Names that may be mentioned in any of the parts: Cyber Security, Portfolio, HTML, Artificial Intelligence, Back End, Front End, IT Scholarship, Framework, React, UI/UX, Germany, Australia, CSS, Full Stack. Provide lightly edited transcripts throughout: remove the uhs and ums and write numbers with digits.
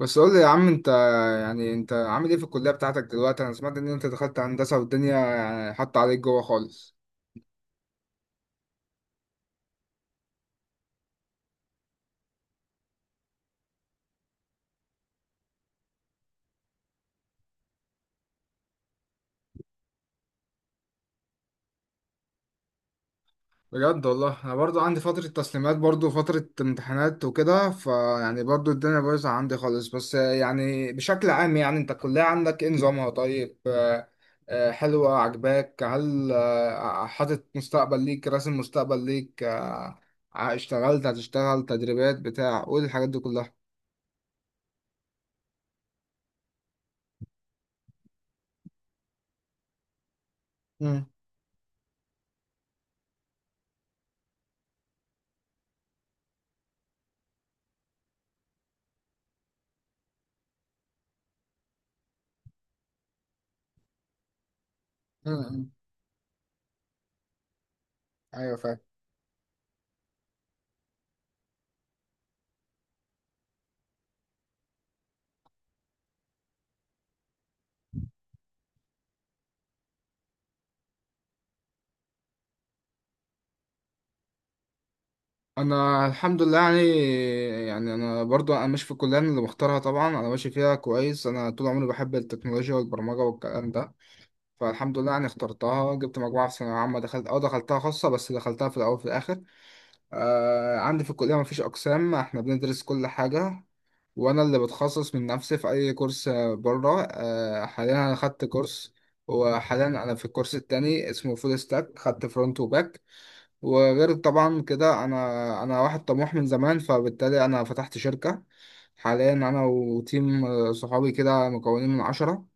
بس قول لي يا عم انت، انت عامل ايه في الكلية بتاعتك دلوقتي؟ انا سمعت ان انت دخلت هندسة والدنيا حاطة عليك جوه خالص. بجد والله انا برضو عندي فترة تسليمات برضو فترة امتحانات وكده، فيعني برضو الدنيا بايظة عندي خالص، بس يعني بشكل عام انت الكلية عندك ايه نظامها؟ طيب حلوة، عجباك؟ هل حاطط مستقبل ليك، راسم مستقبل ليك؟ اشتغلت، هتشتغل، تدريبات، بتاع قول الحاجات دي كلها. امم امم ايوه فاهم. انا الحمد لله يعني. يعني انا برضو انا ماشي في الكليه، أنا اللي مختارها طبعا، انا ماشي فيها كويس. انا طول عمري بحب التكنولوجيا والبرمجه والكلام ده، فالحمد لله يعني اخترتها، جبت مجموعه في ثانويه عامه، دخلت اه دخلتها خاصه، بس دخلتها في الاول وفي الاخر. آه عندي في الكليه مفيش اقسام، احنا بندرس كل حاجه، وانا اللي بتخصص من نفسي في اي كورس. بره آه حاليا انا خدت كورس، وحاليا انا في الكورس التاني اسمه فول ستاك، خدت فرونت وباك. وغير طبعا كده انا واحد طموح من زمان، فبالتالي انا فتحت شركة. حاليا انا وتيم صحابي كده، مكونين من 10.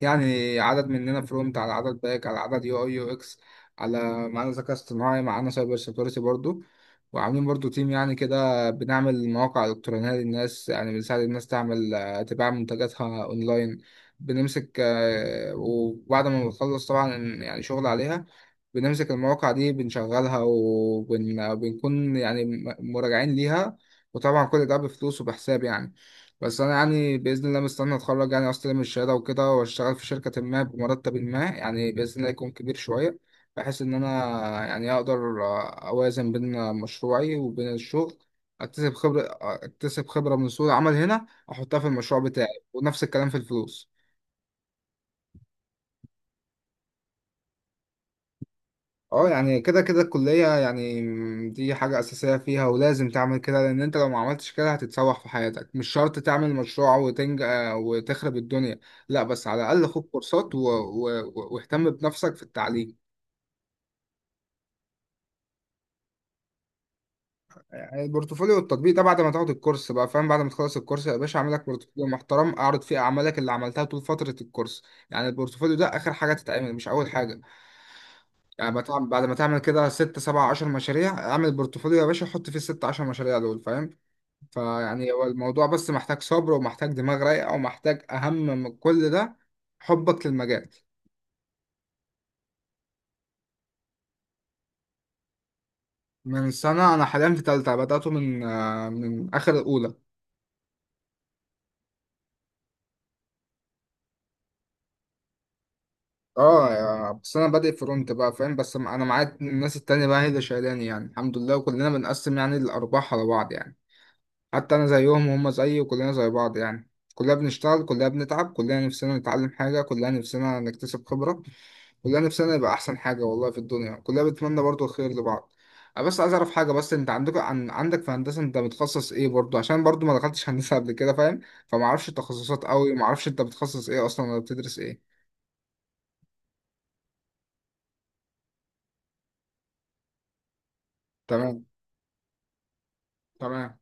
يعني عدد مننا فرونت، على عدد باك، على عدد يو اي يو اكس، على معانا ذكاء اصطناعي، معانا سايبر سيكيورتي برضو. وعاملين برضو تيم يعني كده، بنعمل مواقع إلكترونية للناس، يعني بنساعد الناس تعمل، تبيع منتجاتها أونلاين. بنمسك آه، وبعد ما بنخلص طبعا يعني شغل عليها، بنمسك المواقع دي، بنشغلها، وبنكون يعني مراجعين ليها. وطبعا كل ده بفلوس وبحساب يعني. بس انا يعني باذن الله مستني اتخرج، يعني استلم الشهاده وكده، واشتغل في شركه ما بمرتب ما، يعني باذن الله يكون كبير شويه، بحيث ان انا يعني اقدر اوازن بين مشروعي وبين الشغل، اكتسب خبره، اكتسب خبره من سوق العمل هنا، احطها في المشروع بتاعي، ونفس الكلام في الفلوس. اه يعني كده كده الكلية يعني دي حاجة أساسية فيها، ولازم تعمل كده، لأن أنت لو ما عملتش كده هتتسوح في حياتك. مش شرط تعمل مشروع وتنج وتخرب الدنيا، لا بس على الأقل خد كورسات و واهتم بنفسك في التعليم. يعني البورتفوليو والتطبيق ده بعد ما تاخد الكورس بقى فاهم، بعد ما تخلص الكورس يا باشا اعمل لك بورتفوليو محترم، اعرض فيه أعمالك اللي عملتها طول فترة الكورس. يعني البورتفوليو ده آخر حاجة تتعمل، مش أول حاجة. يعني بعد ما تعمل كده ست سبع عشر مشاريع، اعمل بورتفوليو يا باشا حط فيه الست عشر مشاريع دول، فاهم؟ فيعني هو الموضوع بس محتاج صبر، ومحتاج دماغ رايقة، ومحتاج أهم من كل ده حبك للمجال. من سنة. أنا حاليا في تالتة، بدأته من من آخر الأولى. بس أنا بادئ فرونت بقى فاهم، بس أنا معايا الناس التانية بقى هي اللي شايلاني يعني، الحمد لله، وكلنا بنقسم يعني الأرباح على بعض يعني. حتى أنا زيهم وهم زيي، وكلنا زي بعض، يعني كلنا بنشتغل، كلنا بنتعب، كلنا نفسنا نتعلم حاجة، كلنا نفسنا نكتسب خبرة، كلنا نفسنا يبقى احسن حاجه والله في الدنيا، كلنا بنتمنى برضو الخير لبعض. انا بس عايز اعرف حاجه، بس انت عندك في هندسه انت متخصص ايه؟ برضو عشان برضو ما دخلتش هندسه قبل كده فاهم، فما اعرفش التخصصات قوي، ما اعرفش انت بتخصص ايه اصلا ولا بتدرس ايه. تمام. تمام.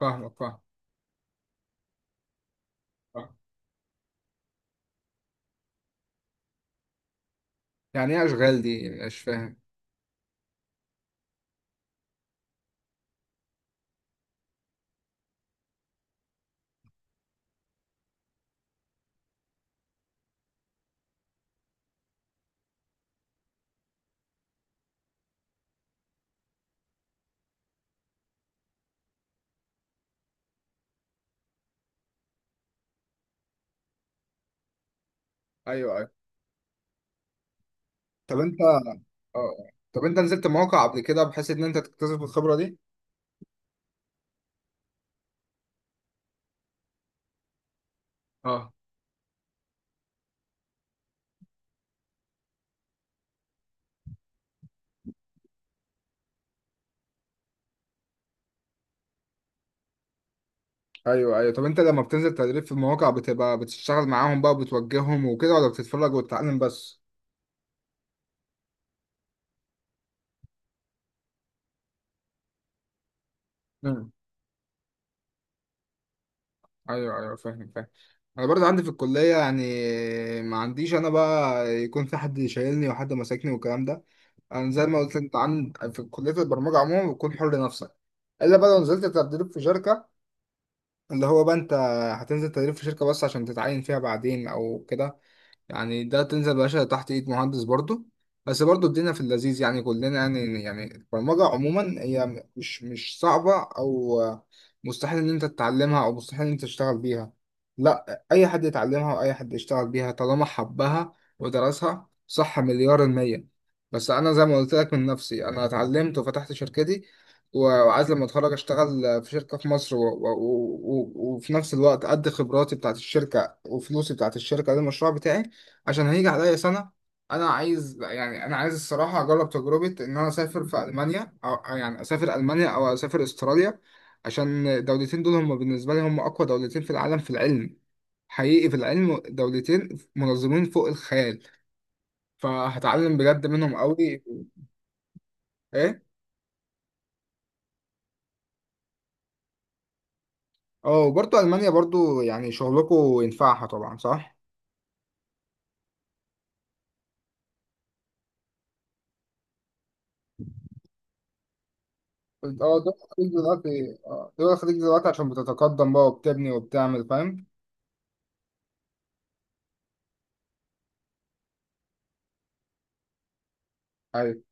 فاهمك. فاهم. فاهم. يعني ايه اشغال دي؟ مش فاهم. ايوه، ايوه. طب انت، اه طب انت نزلت مواقع قبل كده بحيث ان انت تكتسب الخبره دي؟ اه. ايوه ايوه. طب انت لما بتنزل تدريب في المواقع بتبقى بتشتغل معاهم بقى وبتوجههم وكده، ولا بتتفرج وتتعلم بس؟ مم. ايوه ايوه فاهم فاهم. انا برضه عندي في الكليه يعني ما عنديش انا بقى يكون في حد شايلني وحد ماسكني والكلام ده. انا زي ما قلت انت عن في كليه البرمجه عموما بتكون حر نفسك. الا بقى لو نزلت تدريب في شركه، اللي هو بقى انت هتنزل تدريب في شركه بس عشان تتعين فيها بعدين او كده، يعني ده تنزل باشا تحت ايد مهندس برضه. بس برضه الدنيا في اللذيذ يعني. كلنا يعني، يعني البرمجة عموما هي مش صعبة، او مستحيل ان انت تتعلمها، او مستحيل ان انت تشتغل بيها. لا، اي حد يتعلمها واي حد يشتغل بيها طالما حبها ودرسها صح مليار المية. بس انا زي ما قلت لك من نفسي انا اتعلمت وفتحت شركتي، وعايز لما اتخرج اشتغل في شركة في مصر و وفي نفس الوقت ادي خبراتي بتاعت الشركة وفلوسي بتاعت الشركة للمشروع بتاعي، عشان هيجي عليا سنة. أنا عايز، يعني أنا عايز الصراحة أجرب تجربة إن أنا أسافر في ألمانيا، أو يعني أسافر ألمانيا أو أسافر أستراليا، عشان الدولتين دول هم بالنسبة لي هم أقوى دولتين في العالم في العلم، حقيقي في العلم دولتين منظمين فوق الخيال، فهتعلم بجد منهم قوي. إيه؟ أه. وبرضه ألمانيا برضه يعني شغلكوا ينفعها طبعا صح؟ قلت أه دول الخليج دلوقتي، أه دول الخليج دلوقتي عشان بتتقدم بقى وبتبني وبتعمل، فاهم؟ أيوه.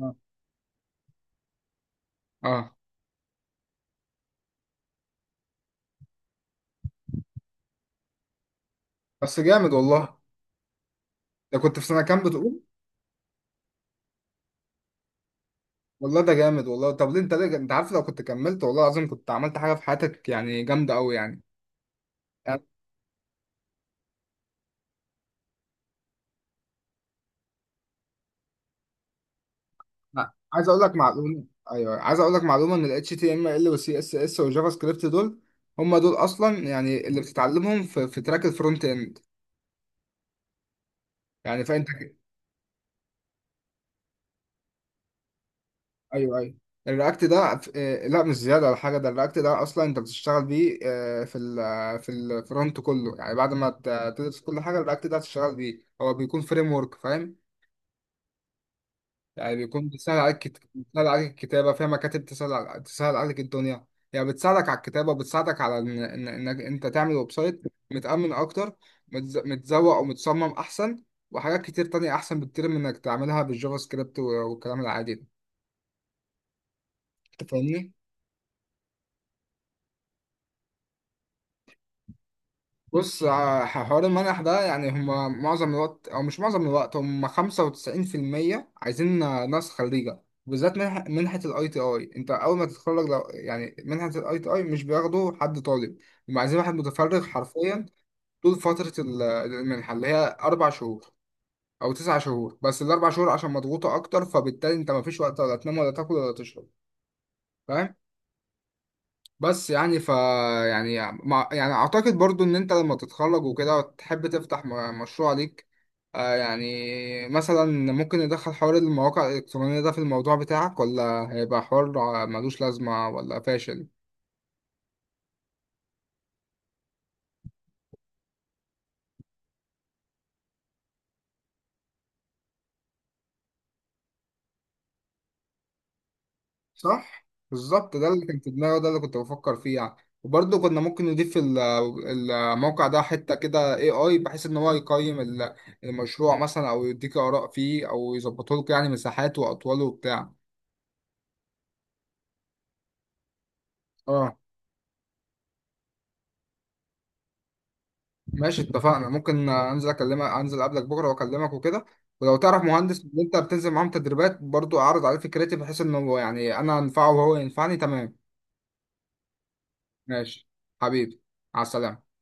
أه. آه. بس جامد والله. ده كنت في سنة كام بتقول؟ والله ده جامد والله. طب ليه انت، ليه انت عارف لو كنت كملت والله العظيم كنت عملت حاجة في حياتك يعني جامدة قوي يعني. يعني عايز اقول لك معلومة. ايوه عايز اقول لك معلومة ان ال HTML وال CSS والجافا سكريبت دول هم دول اصلا يعني اللي بتتعلمهم في, في تراك الفرونت اند. يعني فانت. ايوه ايوه. الرياكت ده لا مش زيادة ولا حاجة، ده الرياكت ده اصلا انت بتشتغل بيه آه، في ال آه، في الفرونت كله، يعني بعد ما تدرس كل حاجة الرياكت ده هتشتغل بيه، هو بيكون فريم ورك فاهم، يعني بيكون بتسهل عليك بتسهل عليك الكتابة فيها، مكاتب تسهل تسهل عليك الدنيا. يعني بتساعدك على الكتابة وبتساعدك على إنك أنت تعمل ويب سايت متأمن أكتر، متزوق ومتصمم أحسن، وحاجات كتير تانية أحسن بكتير من إنك تعملها بالجافا سكريبت والكلام العادي ده. أنت فاهمني؟ بص، حوار المنح ده يعني هما معظم الوقت، او مش معظم الوقت، هما 95% عايزين ناس خريجة، بالذات منحة الاي تي اي. انت اول ما تتخرج لو، يعني منحة الاي تي اي مش بياخدوا حد طالب، هما عايزين واحد متفرغ حرفيا طول فترة المنحة اللي هي 4 شهور او 9 شهور، بس ال4 شهور عشان مضغوطة اكتر، فبالتالي انت مفيش وقت ولا تنام ولا تاكل ولا تشرب، فاهم؟ بس يعني ف، يعني اعتقد برضو ان انت لما تتخرج وكده وتحب تفتح مشروع ليك، يعني مثلا ممكن ندخل حوار المواقع الالكترونية ده في الموضوع بتاعك، ولا هيبقى حوار ملوش لازمة ولا فاشل؟ صح. بالظبط، ده اللي كان في دماغي، ده اللي كنت بفكر فيه يعني. وبرضه كنا ممكن نضيف الموقع ده حتة كده AI، بحيث إن هو يقيم المشروع مثلا، أو يديك آراء فيه، أو يظبطه لك يعني مساحاته وأطواله وبتاع. ماشي، اتفقنا. ممكن انزل اكلمك، انزل قبلك بكره واكلمك وكده، ولو تعرف مهندس اللي انت بتنزل معاهم تدريبات برضو اعرض عليه فكرتي، بحيث انه يعني انا انفعه وهو ينفعني. تمام، ماشي. حبيبي، مع السلامه.